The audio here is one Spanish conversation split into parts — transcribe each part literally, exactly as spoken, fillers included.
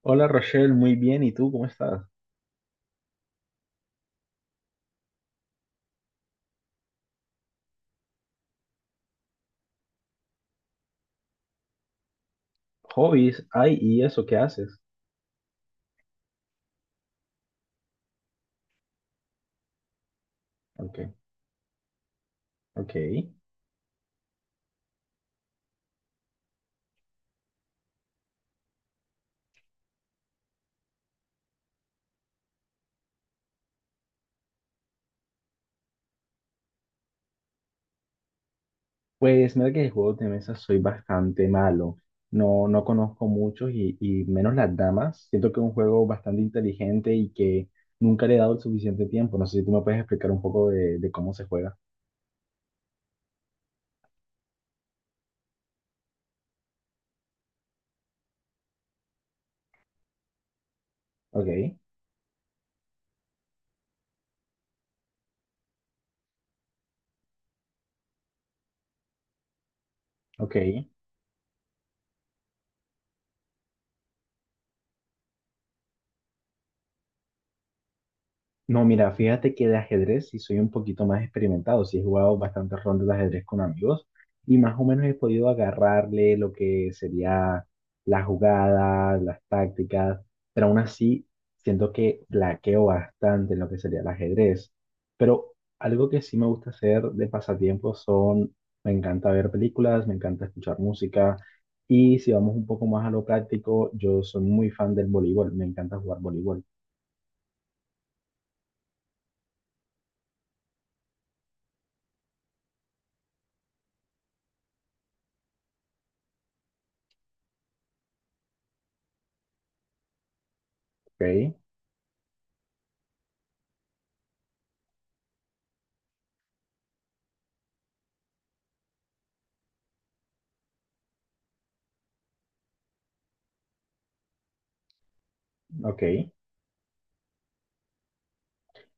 Hola Rochelle, muy bien. ¿Y tú cómo estás? ¿Hobbies? Ay, ¿y eso qué haces? Ok, ok. Pues mira que de juegos de mesa soy bastante malo. No, no conozco muchos y, y menos las damas. Siento que es un juego bastante inteligente y que nunca le he dado el suficiente tiempo. No sé si tú me puedes explicar un poco de, de cómo se juega. Ok, ok. No, mira, fíjate que de ajedrez sí soy un poquito más experimentado, sí he jugado bastantes rondas de ajedrez con amigos y más o menos he podido agarrarle lo que sería las jugadas, las tácticas, pero aún así siento que flaqueo bastante en lo que sería el ajedrez. Pero algo que sí me gusta hacer de pasatiempo son, me encanta ver películas, me encanta escuchar música y si vamos un poco más a lo práctico, yo soy muy fan del voleibol, me encanta jugar voleibol. Ok, ok.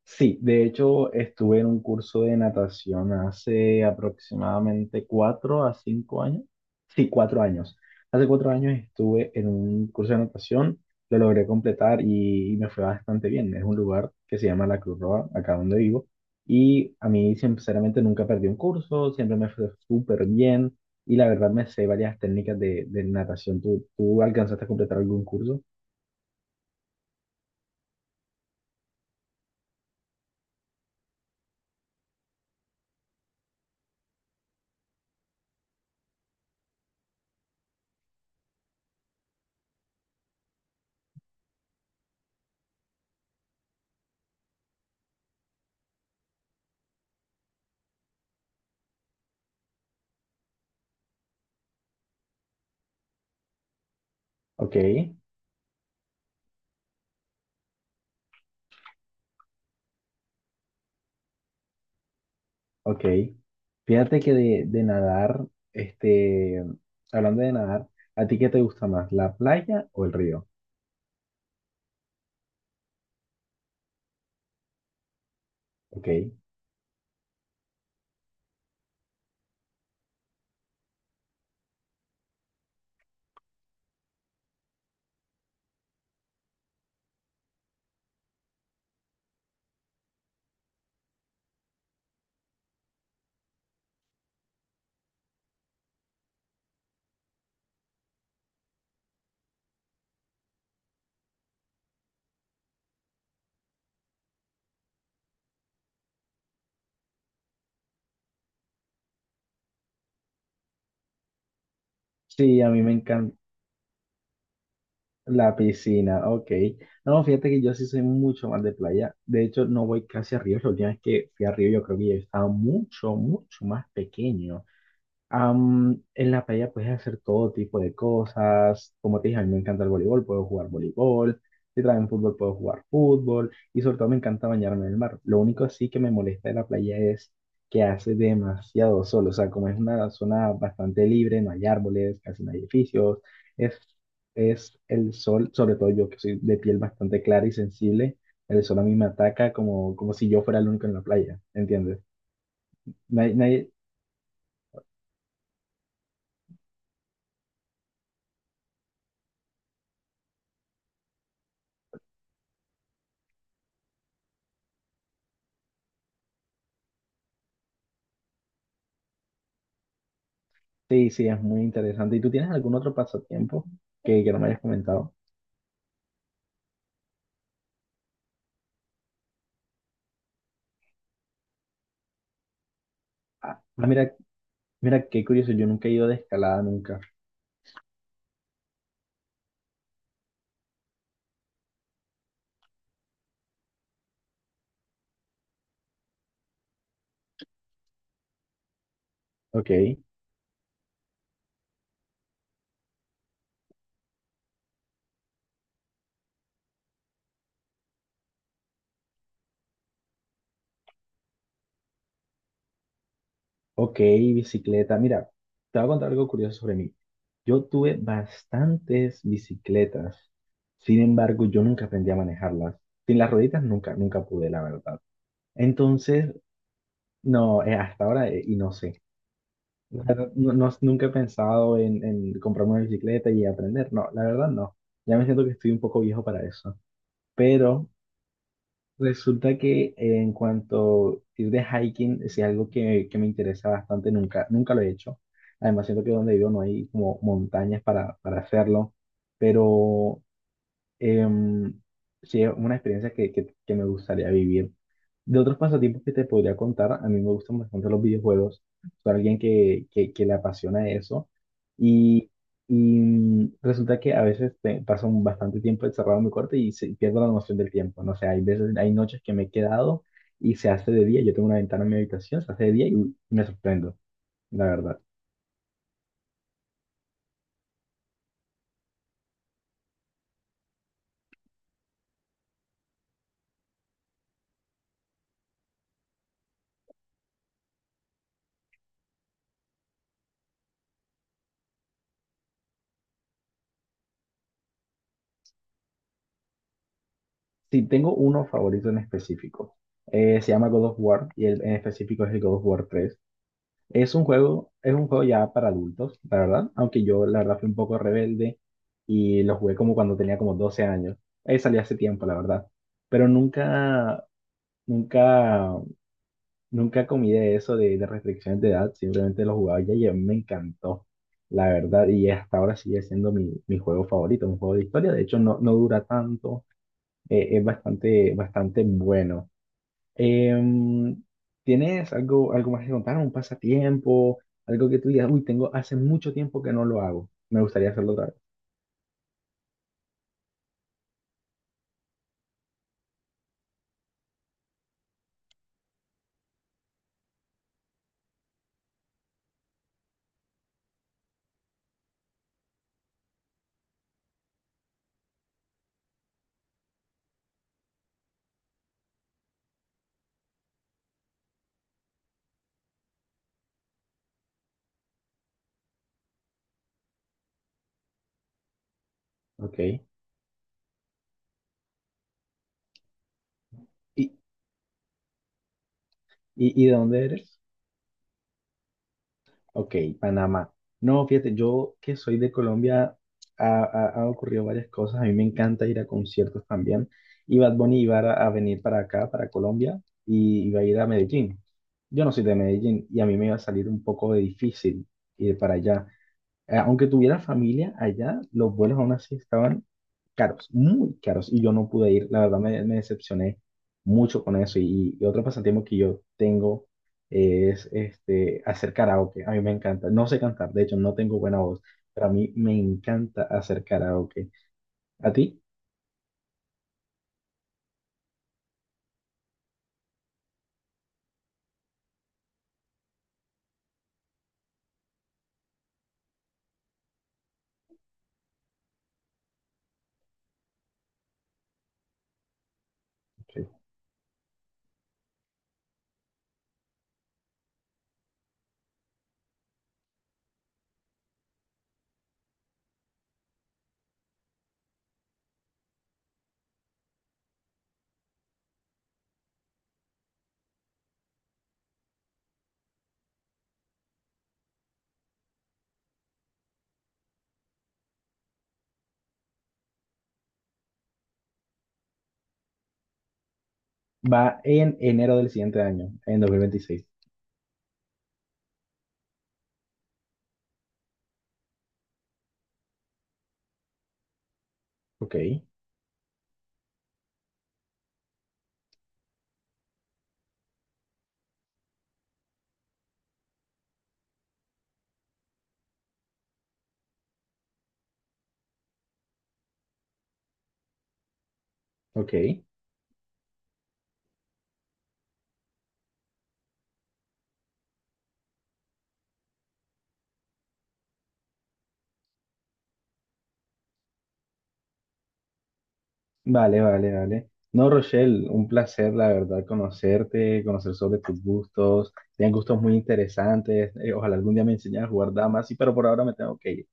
Sí, de hecho estuve en un curso de natación hace aproximadamente cuatro a cinco años. Sí, cuatro años. Hace cuatro años estuve en un curso de natación, lo logré completar y me fue bastante bien. Es un lugar que se llama La Cruz Roja, acá donde vivo, y a mí sinceramente nunca perdí un curso, siempre me fue súper bien y la verdad me sé varias técnicas de, de natación. ¿Tú, tú alcanzaste a completar algún curso? Ok. Ok. Fíjate que de, de nadar, este, hablando de nadar, ¿a ti qué te gusta más, la playa o el río? Ok. Sí, a mí me encanta la piscina, ok. No, fíjate que yo sí soy mucho más de playa. De hecho, no voy casi a ríos. La última vez que fui a río, yo creo que yo estaba mucho, mucho más pequeño. Am, en la playa puedes hacer todo tipo de cosas. Como te dije, a mí me encanta el voleibol, puedo jugar voleibol. Si traen fútbol, puedo jugar fútbol. Y sobre todo me encanta bañarme en el mar. Lo único sí que me molesta de la playa es que hace demasiado sol. O sea, como es una zona bastante libre, no hay árboles, casi no hay edificios. Es, es el sol, sobre todo yo que soy de piel bastante clara y sensible, el sol a mí me ataca como, como si yo fuera el único en la playa. ¿Entiendes? Nadie, nadie- Sí, sí, es muy interesante. ¿Y tú tienes algún otro pasatiempo que, que no me hayas comentado? Ah, ah, mira, mira, qué curioso, yo nunca he ido de escalada, nunca. Ok, ok, bicicleta. Mira, te voy a contar algo curioso sobre mí. Yo tuve bastantes bicicletas, sin embargo, yo nunca aprendí a manejarlas. Sin las rueditas nunca, nunca pude, la verdad. Entonces, no, eh, hasta ahora, eh, y no sé. La verdad, no, no- nunca he pensado en, en comprarme una bicicleta y aprender. No, la verdad no. Ya me siento que estoy un poco viejo para eso. Pero resulta que en cuanto ir de hiking es algo que, que me interesa bastante. Nunca, nunca lo he hecho. Además, siento que donde vivo no hay como montañas para, para hacerlo. Pero Em, sí, es una experiencia que, que, que me gustaría vivir. De otros pasatiempos que te podría contar, a mí me gustan bastante los videojuegos. Soy alguien que, que, que le apasiona eso. Y, y mm, resulta que a veces te- paso un bastante tiempo encerrado en mi cuarto y se- pierdo la noción del tiempo. No sé, hay veces, hay noches que me he quedado y se hace de día. Yo tengo una ventana en mi habitación, se hace de día y me sorprendo, la verdad. Sí, tengo uno favorito en específico. Eh, se llama God of War y el en específico es el God of War tres. Es un juego, es un juego ya para adultos, la verdad, aunque yo la verdad fui un poco rebelde y lo jugué como cuando tenía como doce años. Ahí salí hace tiempo, la verdad. Pero nunca, nunca, nunca comí de eso de, de restricciones de edad, simplemente lo jugaba ya y a mí me encantó, la verdad. Y hasta ahora sigue siendo mi, mi juego favorito, un juego de historia. De hecho, no, no dura tanto, eh, es bastante, bastante bueno. Em, ¿tienes algo, algo más que contar? ¿Un pasatiempo? Algo que tú digas, uy, tengo hace mucho tiempo que no lo hago. Me gustaría hacerlo otra vez. Ok. ¿Y, y, y de dónde eres? Ok, Panamá. No, fíjate, yo que soy de Colombia, ha, ha- ha ocurrido varias cosas. A mí me encanta ir a conciertos también. Y Bad Bunny iba a, a venir para acá, para Colombia, y iba a ir a Medellín. Yo no soy de Medellín y a mí me iba a salir un poco de difícil ir para allá. Eh, aunque tuviera familia allá, los vuelos aún así estaban caros, muy caros, y yo no pude ir. La verdad me, me decepcioné mucho con eso. Y, y otro pasatiempo que yo tengo es este, hacer karaoke. A mí me encanta. No sé cantar, de hecho, no tengo buena voz, pero a mí me encanta hacer karaoke. ¿A ti? Ok. Va en enero del siguiente año, en dos mil veintiséis. Ok, ok. Vale, vale, vale. No, Rochelle, un placer, la verdad, conocerte, conocer sobre tus gustos. Tienes gustos muy interesantes. Eh, ojalá algún día me enseñes a jugar damas, sí, pero por ahora me tengo que ir.